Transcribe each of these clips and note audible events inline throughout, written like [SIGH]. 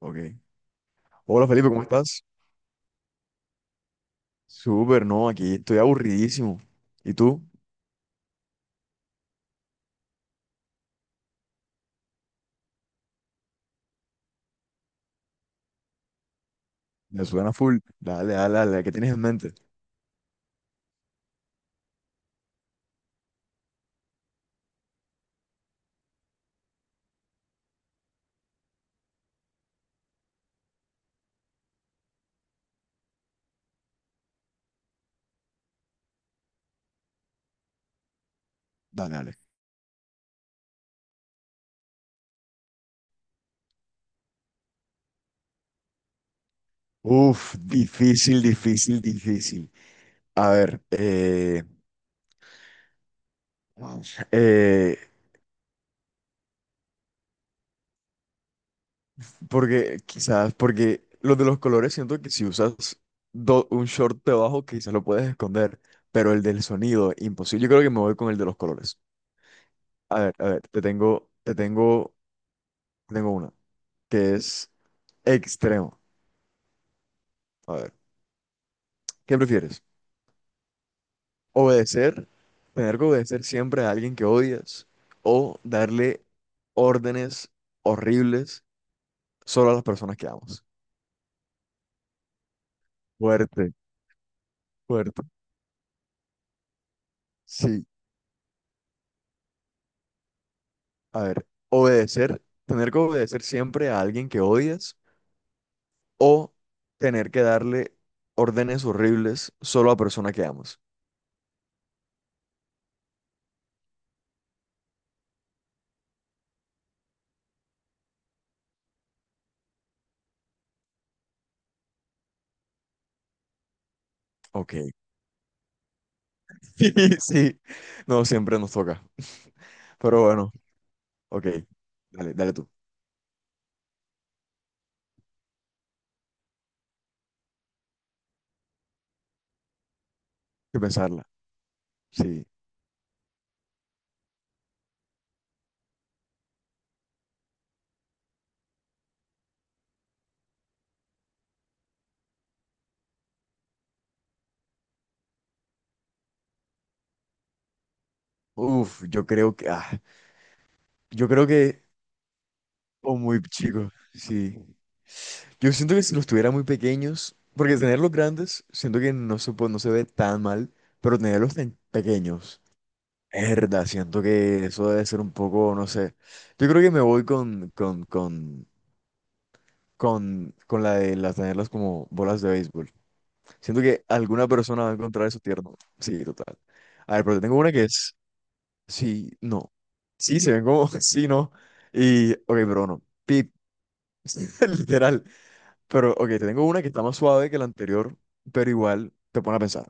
Ok. Hola Felipe, ¿cómo estás? Súper, no, aquí estoy aburridísimo. ¿Y tú? Me suena full. Dale, dale, dale, ¿qué tienes en mente? Dale, dale. Uf, difícil, difícil, difícil. A ver, eh, porque quizás, porque los de los colores siento que si usas un short debajo quizás lo puedes esconder, pero el del sonido, imposible. Yo creo que me voy con el de los colores. A ver, te tengo, te tengo, te tengo una, que es extremo. A ver. ¿Qué prefieres? ¿Obedecer? ¿Tener que obedecer siempre a alguien que odias? ¿O darle órdenes horribles solo a las personas que amas? Fuerte, fuerte. Sí, a ver, obedecer, tener que obedecer siempre a alguien que odias o tener que darle órdenes horribles solo a persona que amas. Ok, [LAUGHS] sí, sí. No, siempre nos toca. Pero bueno, ok, dale, dale tú, hay que pensarla. Sí, uf, yo creo que, ah, Yo creo que, o muy chicos, sí. Yo siento que si los tuviera muy pequeños, porque tenerlos grandes, siento que no se, no se ve tan mal, pero tenerlos tan pequeños, es verdad, siento que eso debe ser un poco, no sé. Yo creo que me voy con la de las tenerlas como bolas de béisbol. Siento que alguna persona va a encontrar eso tierno. Sí, total. A ver, pero te tengo una que es, sí, no. Sí, se ven como, [LAUGHS] sí, no. Y, ok, pero no. Pip. [LAUGHS] Literal. Pero, ok, te tengo una que está más suave que la anterior, pero igual te pone a pensar.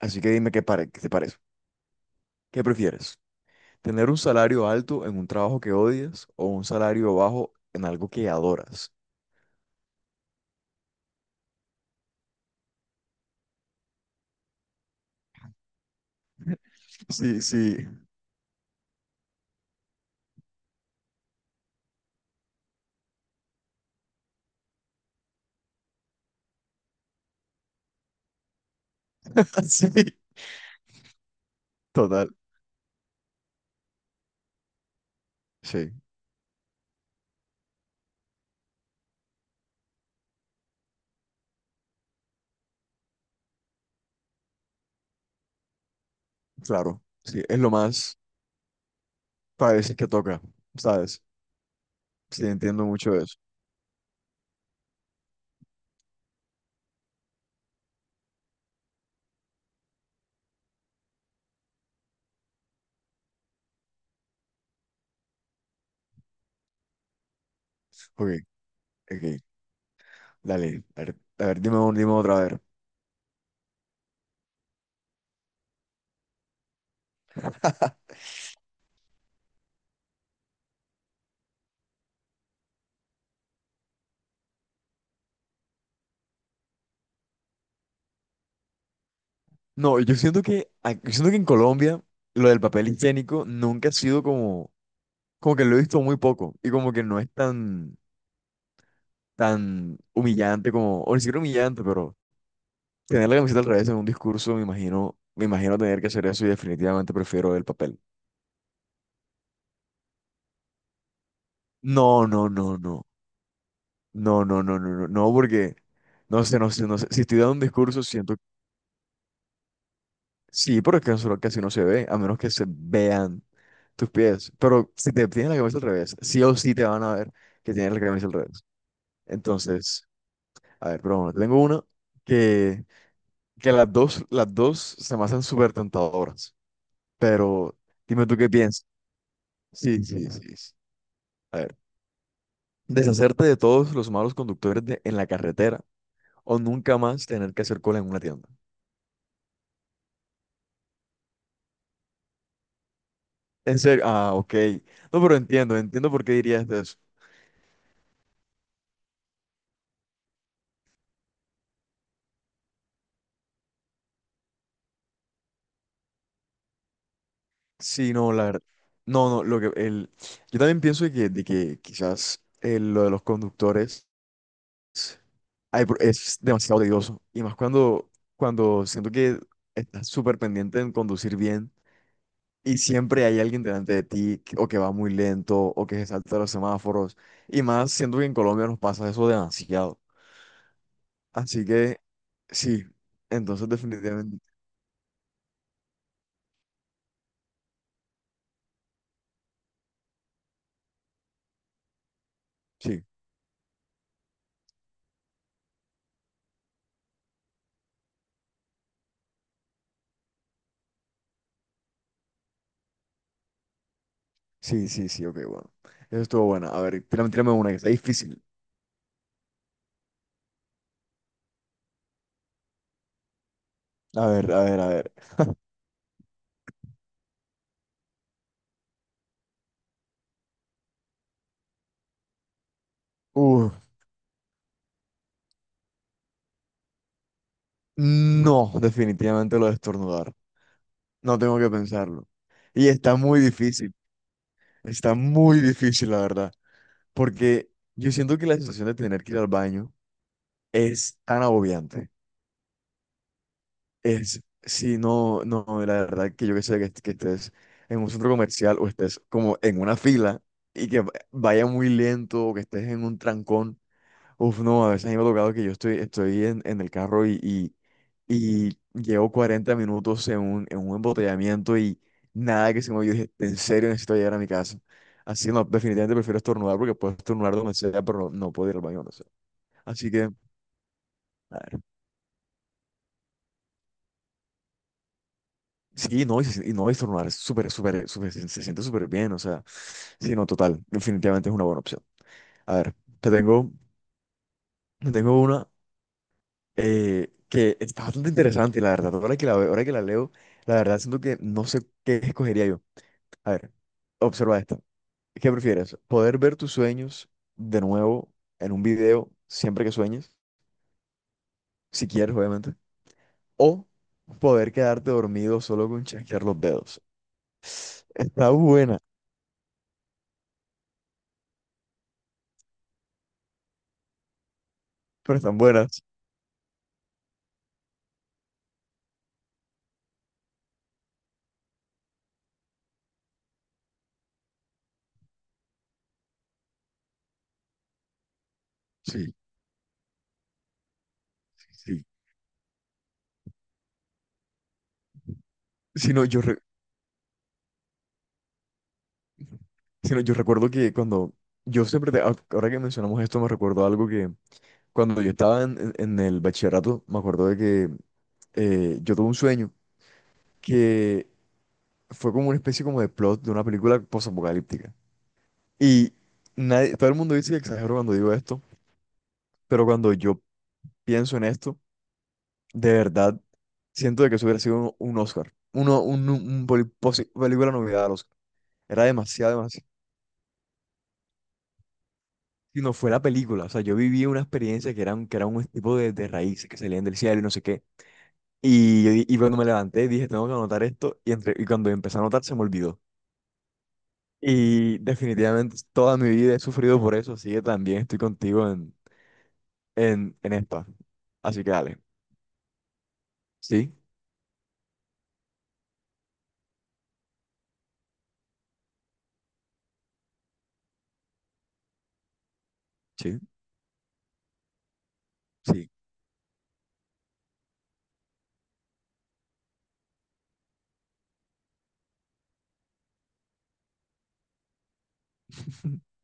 Así que dime qué, qué te parece. ¿Qué prefieres? ¿Tener un salario alto en un trabajo que odias o un salario bajo en algo que adoras? Sí, sí, [LAUGHS] sí, total. Sí, claro. Sí, es lo más para veces que toca, ¿sabes? Sí, entiendo mucho eso. Ok, ok, dale. A ver, dime, dime otra vez. No, yo siento que, en Colombia lo del papel higiénico nunca ha sido como que lo he visto muy poco y como que no es tan humillante como, o ni siquiera humillante, pero tener la camiseta al revés en un discurso, me imagino tener que hacer eso y definitivamente prefiero el papel. No, no, no, no, no, no, no, no, no, no, porque no sé, no sé, no sé, si estoy dando un discurso siento, sí, pero es que eso casi no se ve, a menos que se vean tus pies, pero si te tienes la camisa al revés, sí o sí te van a ver que tienes la camisa al revés. Entonces, a ver, pero bueno, tengo una que... las dos se me hacen súper tentadoras, pero dime tú qué piensas. Sí, sí, sí. Sí. A ver, deshacerte de todos los malos conductores en la carretera o nunca más tener que hacer cola en una tienda. En serio, ah, ok. No, pero entiendo, entiendo por qué dirías de eso. Sí, no, la verdad. No, no, lo que el, yo también pienso de que quizás lo de los conductores ay, es demasiado tedioso. Y más cuando siento que estás súper pendiente en conducir bien. Y siempre hay alguien delante de ti o que va muy lento o que se salta los semáforos. Y más, siento que en Colombia nos pasa eso demasiado. Así que sí, entonces definitivamente sí, sí, sí, sí, ok, bueno. Eso estuvo bueno. A ver, tírame, tírame una que está difícil. A ver, a ver, a ver. [LAUGHS] Uh, no, definitivamente lo de estornudar. No tengo que pensarlo. Y está muy difícil. Está muy difícil, la verdad. Porque yo siento que la sensación de tener que ir al baño es tan agobiante. Es, si no, no, no, la verdad que yo que sé que, que estés en un centro comercial o estés como en una fila y que vaya muy lento o que estés en un trancón. Uf, no, a veces a mí me ha tocado que yo estoy en el carro y, y llevo 40 minutos en un embotellamiento y nada que se me. Yo dije, en serio necesito llegar a mi casa. Así no, definitivamente prefiero estornudar porque puedo estornudar donde sea, pero no, no puedo ir al baño, no sé. Así que... Sí, no, y, y no, y estornudar es súper, súper, súper, se siente súper bien, o sea, sí, no, total, definitivamente es una buena opción. A ver, te tengo, te tengo una que está bastante interesante, la verdad, ahora que la leo, la verdad siento que no sé qué escogería yo. A ver, observa esta. ¿Qué prefieres? ¿Poder ver tus sueños de nuevo en un video siempre que sueñes? Si quieres, obviamente. ¿O poder quedarte dormido solo con chasquear los dedos? Está buena, pero están buenas. Sí. Sí. Sino yo, re- sino yo recuerdo que cuando yo siempre, ah, ahora que mencionamos esto, me recuerdo algo que cuando yo estaba en, en el bachillerato, me acuerdo de que yo tuve un sueño que fue como una especie como de plot de una película posapocalíptica. Y nadie, todo el mundo dice que exagero cuando digo esto, pero cuando yo pienso en esto, de verdad, siento de que eso hubiera sido un Oscar, uno, un poli- posi- película novedad al Oscar. Era demasiado, demasiado. Si no fue la película, o sea, yo viví una experiencia que era un tipo de raíces que salían del cielo y no sé qué. Y, y cuando me levanté dije, tengo que anotar esto, y cuando empecé a anotar se me olvidó. Y definitivamente toda mi vida he sufrido por eso, así que también estoy contigo en, en esta. Así que dale. Sí, sí, sí, [LAUGHS]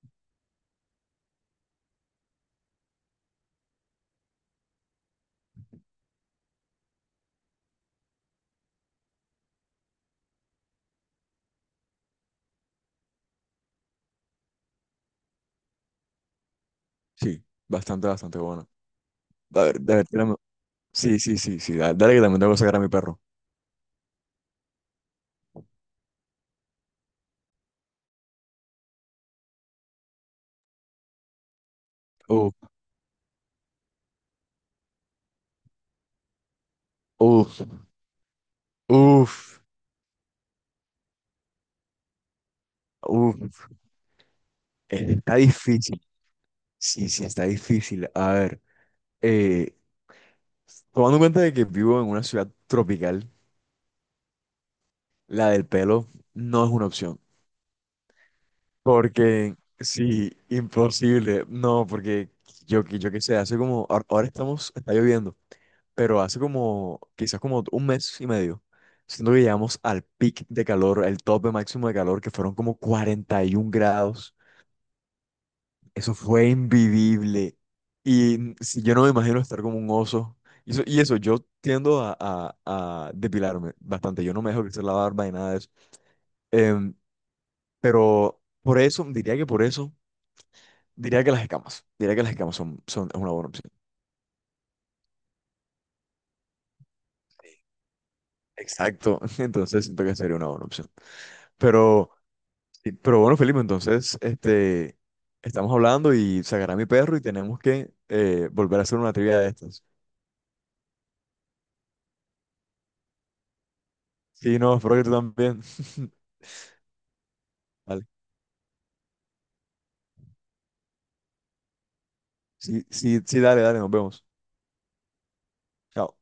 sí, bastante, bastante bueno. A ver, Sí, sí, sí, sí, dale, dale que también tengo que sacar a mi perro. Uf, uf, uf, uf, está difícil. Sí, sí, está difícil. A ver, eh, tomando en cuenta de que vivo en una ciudad tropical, la del pelo no es una opción. Porque, sí, imposible. No, porque yo qué sé, hace como, ahora estamos, está lloviendo, pero hace como, quizás como un mes y medio, siento que llegamos al pic de calor, el tope máximo de calor, que fueron como 41 grados. Eso fue invivible. Y si yo no me imagino estar como un oso. Y eso, yo tiendo a depilarme bastante. Yo no me dejo crecer la barba y nada de eso. Em, pero por eso, diría que por eso, diría que las escamas. Diría que las escamas son es una buena opción. Exacto. [LAUGHS] Entonces siento que sería una buena opción. Pero, sí, pero bueno, Felipe, entonces, estamos hablando y sacará mi perro y tenemos que volver a hacer una trivia de estas. Sí, no, espero que tú también. [LAUGHS] Vale. Sí, sí, sí, dale, dale, nos vemos. Chao.